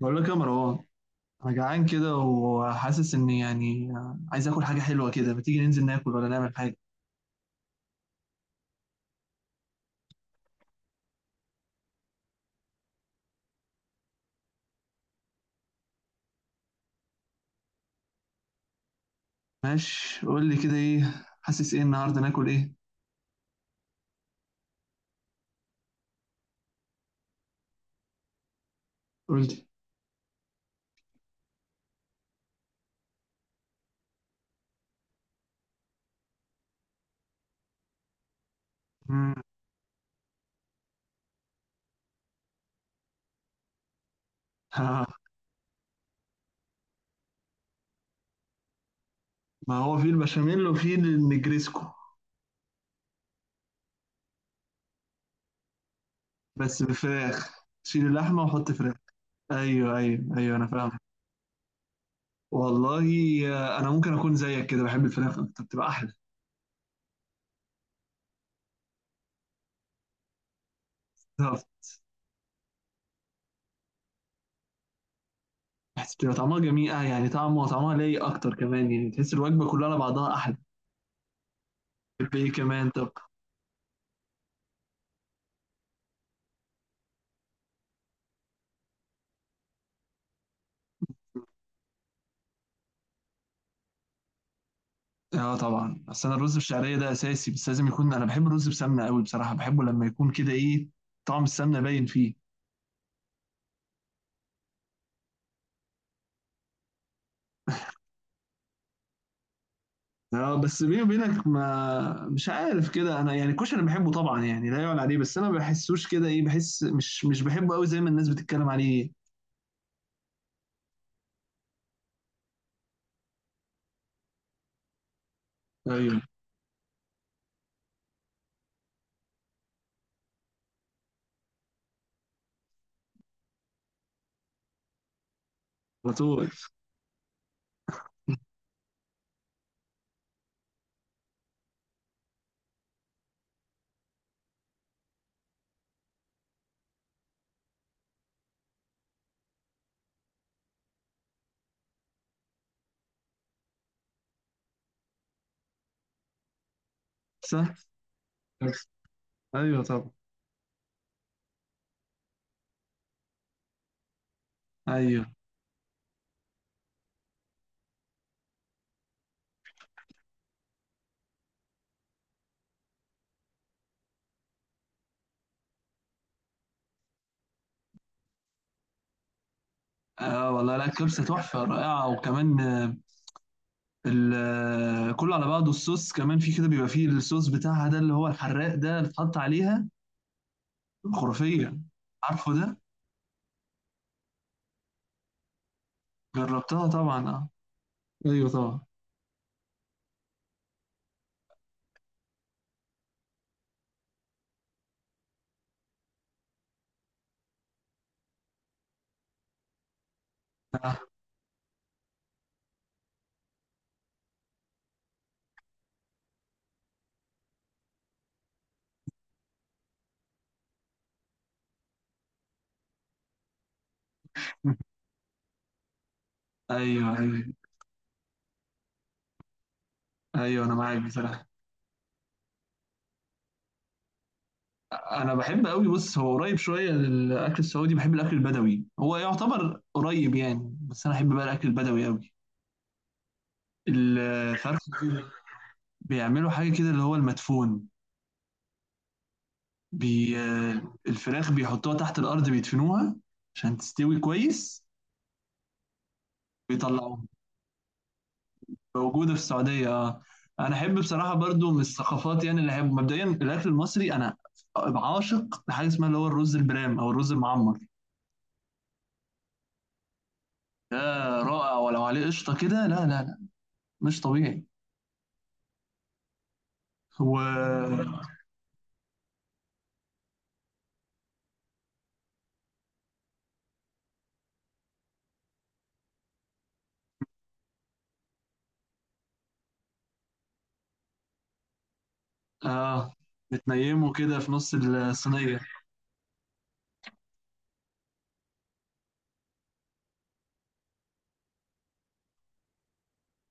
بقول لك يا مروان، انا جعان كده وحاسس اني يعني عايز اكل حاجه حلوه كده. ما تيجي ننزل ناكل ولا نعمل حاجه؟ ماشي، قول لي كده، ايه حاسس؟ ايه النهارده ناكل ايه؟ قول لي. مم. ها، ما هو في البشاميل وفي النجريسكو. بس بفراخ، شيل اللحمه وحط فراخ. ايوه، ايوه، ايوه، انا فاهم. والله، انا ممكن اكون زيك كده، بحب الفراخ اكتر، بتبقى احلى. بالظبط. بحس بتبقى طعمها جميل، يعني طعمها ليا اكتر كمان، يعني تحس الوجبه كلها على بعضها احلى. تحب ايه كمان طب؟ اه طبعا. بس انا الرز بالشعريه ده اساسي. بس لازم يكون، انا بحب الرز بسمنه قوي بصراحه، بحبه لما يكون كده ايه، طعم السمنه باين فيه. اه، بس بيني وبينك، ما مش عارف كده انا. يعني الكشري بحبه طبعا، يعني لا يعلى عليه. بس انا ما بحسوش كده ايه، بحس مش بحبه قوي زي ما الناس بتتكلم عليه. ايوه، على طول. صح. ايوه، طبعا. ايوه. اه والله، لا الكبسه تحفه رائعه. وكمان كله على بعضه، الصوص كمان، في كده بيبقى فيه الصوص بتاعها ده اللي هو الحراق، ده اللي اتحط عليها. خرافية. عارفه ده؟ جربتها طبعا، اه. ايوه، طبعا. آه. ايوه، ايوه، ايوه، انا معاك بصراحة. انا بحب قوي. بص، هو قريب شوية للاكل السعودي، بحب الاكل البدوي. هو يعتبر قريب يعني، بس انا احب بقى الاكل البدوي قوي. الفرخ. بيعملوا حاجة كده اللي هو المدفون. بي... آه، الفراخ بيحطوها تحت الأرض، بيدفنوها. عشان تستوي كويس. بيطلعوها. موجوده في السعوديه، اه. انا احب بصراحه برضو من الثقافات، يعني اللي احب مبدئيا الاكل المصري. انا عاشق لحاجه اسمها اللي هو الرز البرام او الرز المعمر. ده رائع. ولو عليه قشطه كده، لا، لا، لا، مش طبيعي. و اه، بتنيمه كده في نص الصينيه.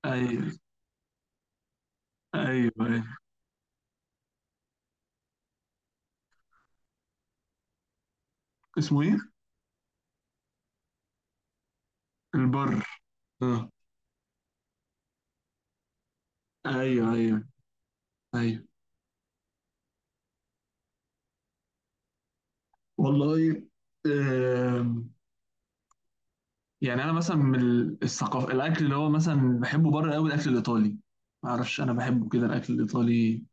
ايوه، ايوه، ايوه. اسمه ايه؟ البر. اه. ايوه، ايوه، ايوه. والله. آه. يعني انا مثلا من الثقافه، الاكل اللي هو مثلا بحبه بره قوي الاكل الايطالي. ما اعرفش، انا بحبه كده الاكل الايطالي.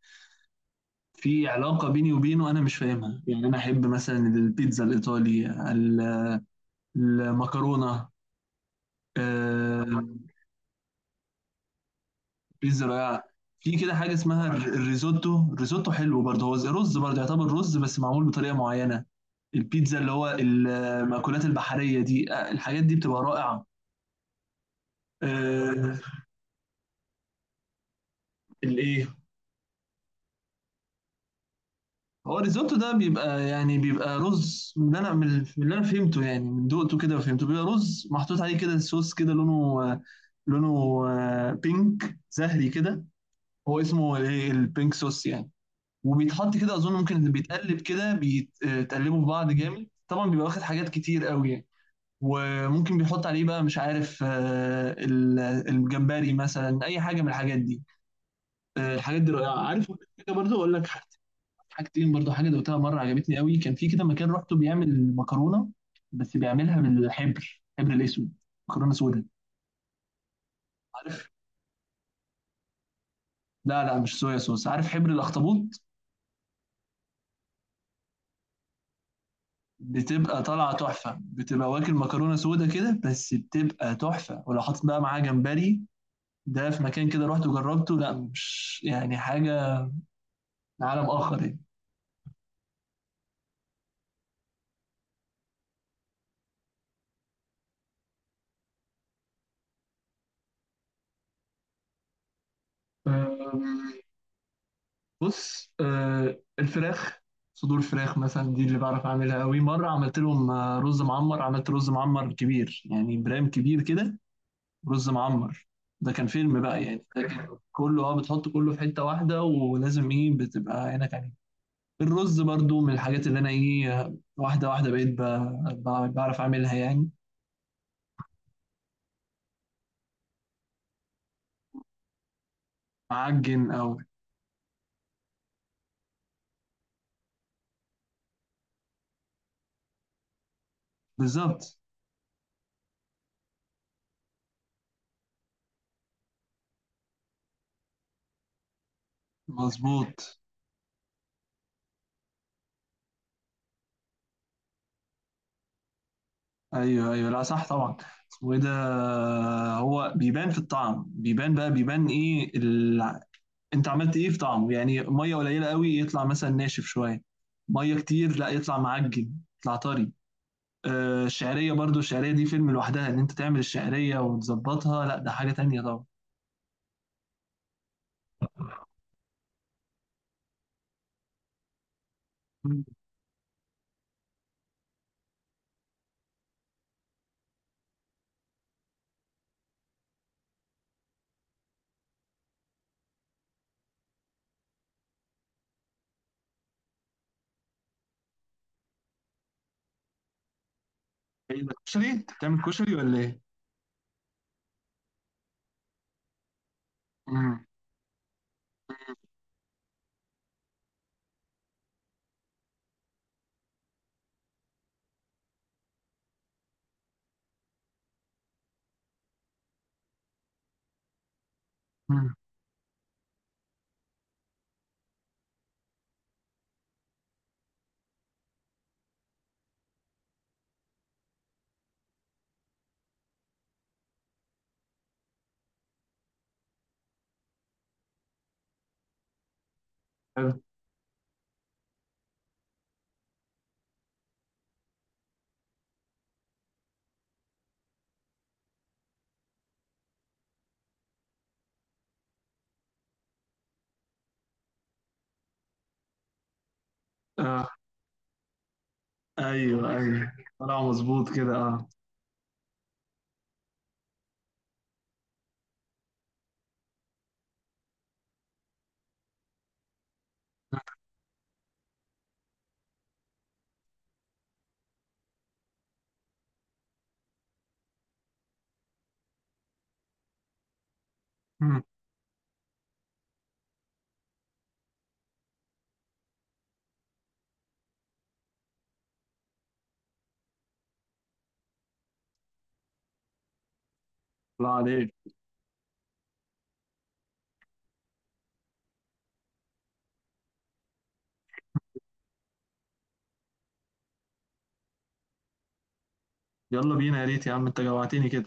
في علاقه بيني وبينه انا مش فاهمها. يعني انا احب مثلا البيتزا الايطالي، ال- المكرونه. آه، بيتزا رقاق. في كده حاجه اسمها الريزوتو. الريزوتو حلو برضه، هو زي رز برضه، يعتبر رز بس معمول بطريقه معينه. البيتزا اللي هو المأكولات البحريه دي، الحاجات دي بتبقى رائعه. آه، الايه؟ هو الريزوتو ده بيبقى يعني بيبقى رز، من اللي انا فهمته يعني، من دقته كده وفهمته، بيبقى رز محطوط عليه كده صوص، كده لونه بينك زهري كده. هو اسمه الايه؟ البينك صوص يعني. وبيتحط كده اظن، ممكن اللي بيتقلب كده بيتقلبوا في بعض جامد طبعا، بيبقى واخد حاجات كتير قوي يعني. وممكن بيحط عليه بقى، مش عارف، الجمبري مثلا، اي حاجه من الحاجات دي. الحاجات دي رائعه. عارف أقول لك حاجه؟ برضو اقول لك حاجتين برضو. حاجة دوقتها مرة عجبتني قوي، كان في كده مكان رحته بيعمل مكرونة. بس بيعملها بالحبر، حبر الأسود. مكرونة سودا. عارف. لا، لا، مش صويا صوص. عارف، حبر الأخطبوط. بتبقى طالعة تحفة، بتبقى واكل مكرونة سودا كده، بس بتبقى تحفة، ولو حاطط بقى معاها جمبري. ده في مكان كده رحت وجربته. لا، مش يعني حاجة من عالم آخر. يعني بص، الفراخ، صدور فراخ مثلا دي اللي بعرف اعملها قوي. مره عملت لهم رز معمر. عملت رز معمر كبير يعني، برام كبير كده. رز معمر. ده كان فيلم بقى يعني. ده كان كله، بتحط كله في حته واحده، ولازم ايه، بتبقى عينك عليه. الرز برضو من الحاجات اللي انا ايه، واحده واحده بقيت، بعرف اعملها يعني. معجن بالظبط. مظبوط. ايوه، ايوه، لا، صح طبعا. اسمه ايه ده؟ هو بيبان في الطعم، بيبان بقى، بيبان ايه انت عملت ايه في طعمه؟ يعني ميه قليله قوي، يطلع مثلا ناشف شويه. ميه كتير، لا يطلع معجن، يطلع طري. الشعريه برضو، الشعريه دي فيلم لوحدها ان انت تعمل الشعريه وتظبطها. لا ده حاجه تانية طبعا. مم. ايه ده؟ كشري؟ انت بتعمل كشري ولا ايه؟ مم. مم. حلو. آه. ايوه، ايوه، طلع مظبوط كده، اه. مم. طلع عليك. يلا بينا، يا ريت يا عم، انت جوعتني كده.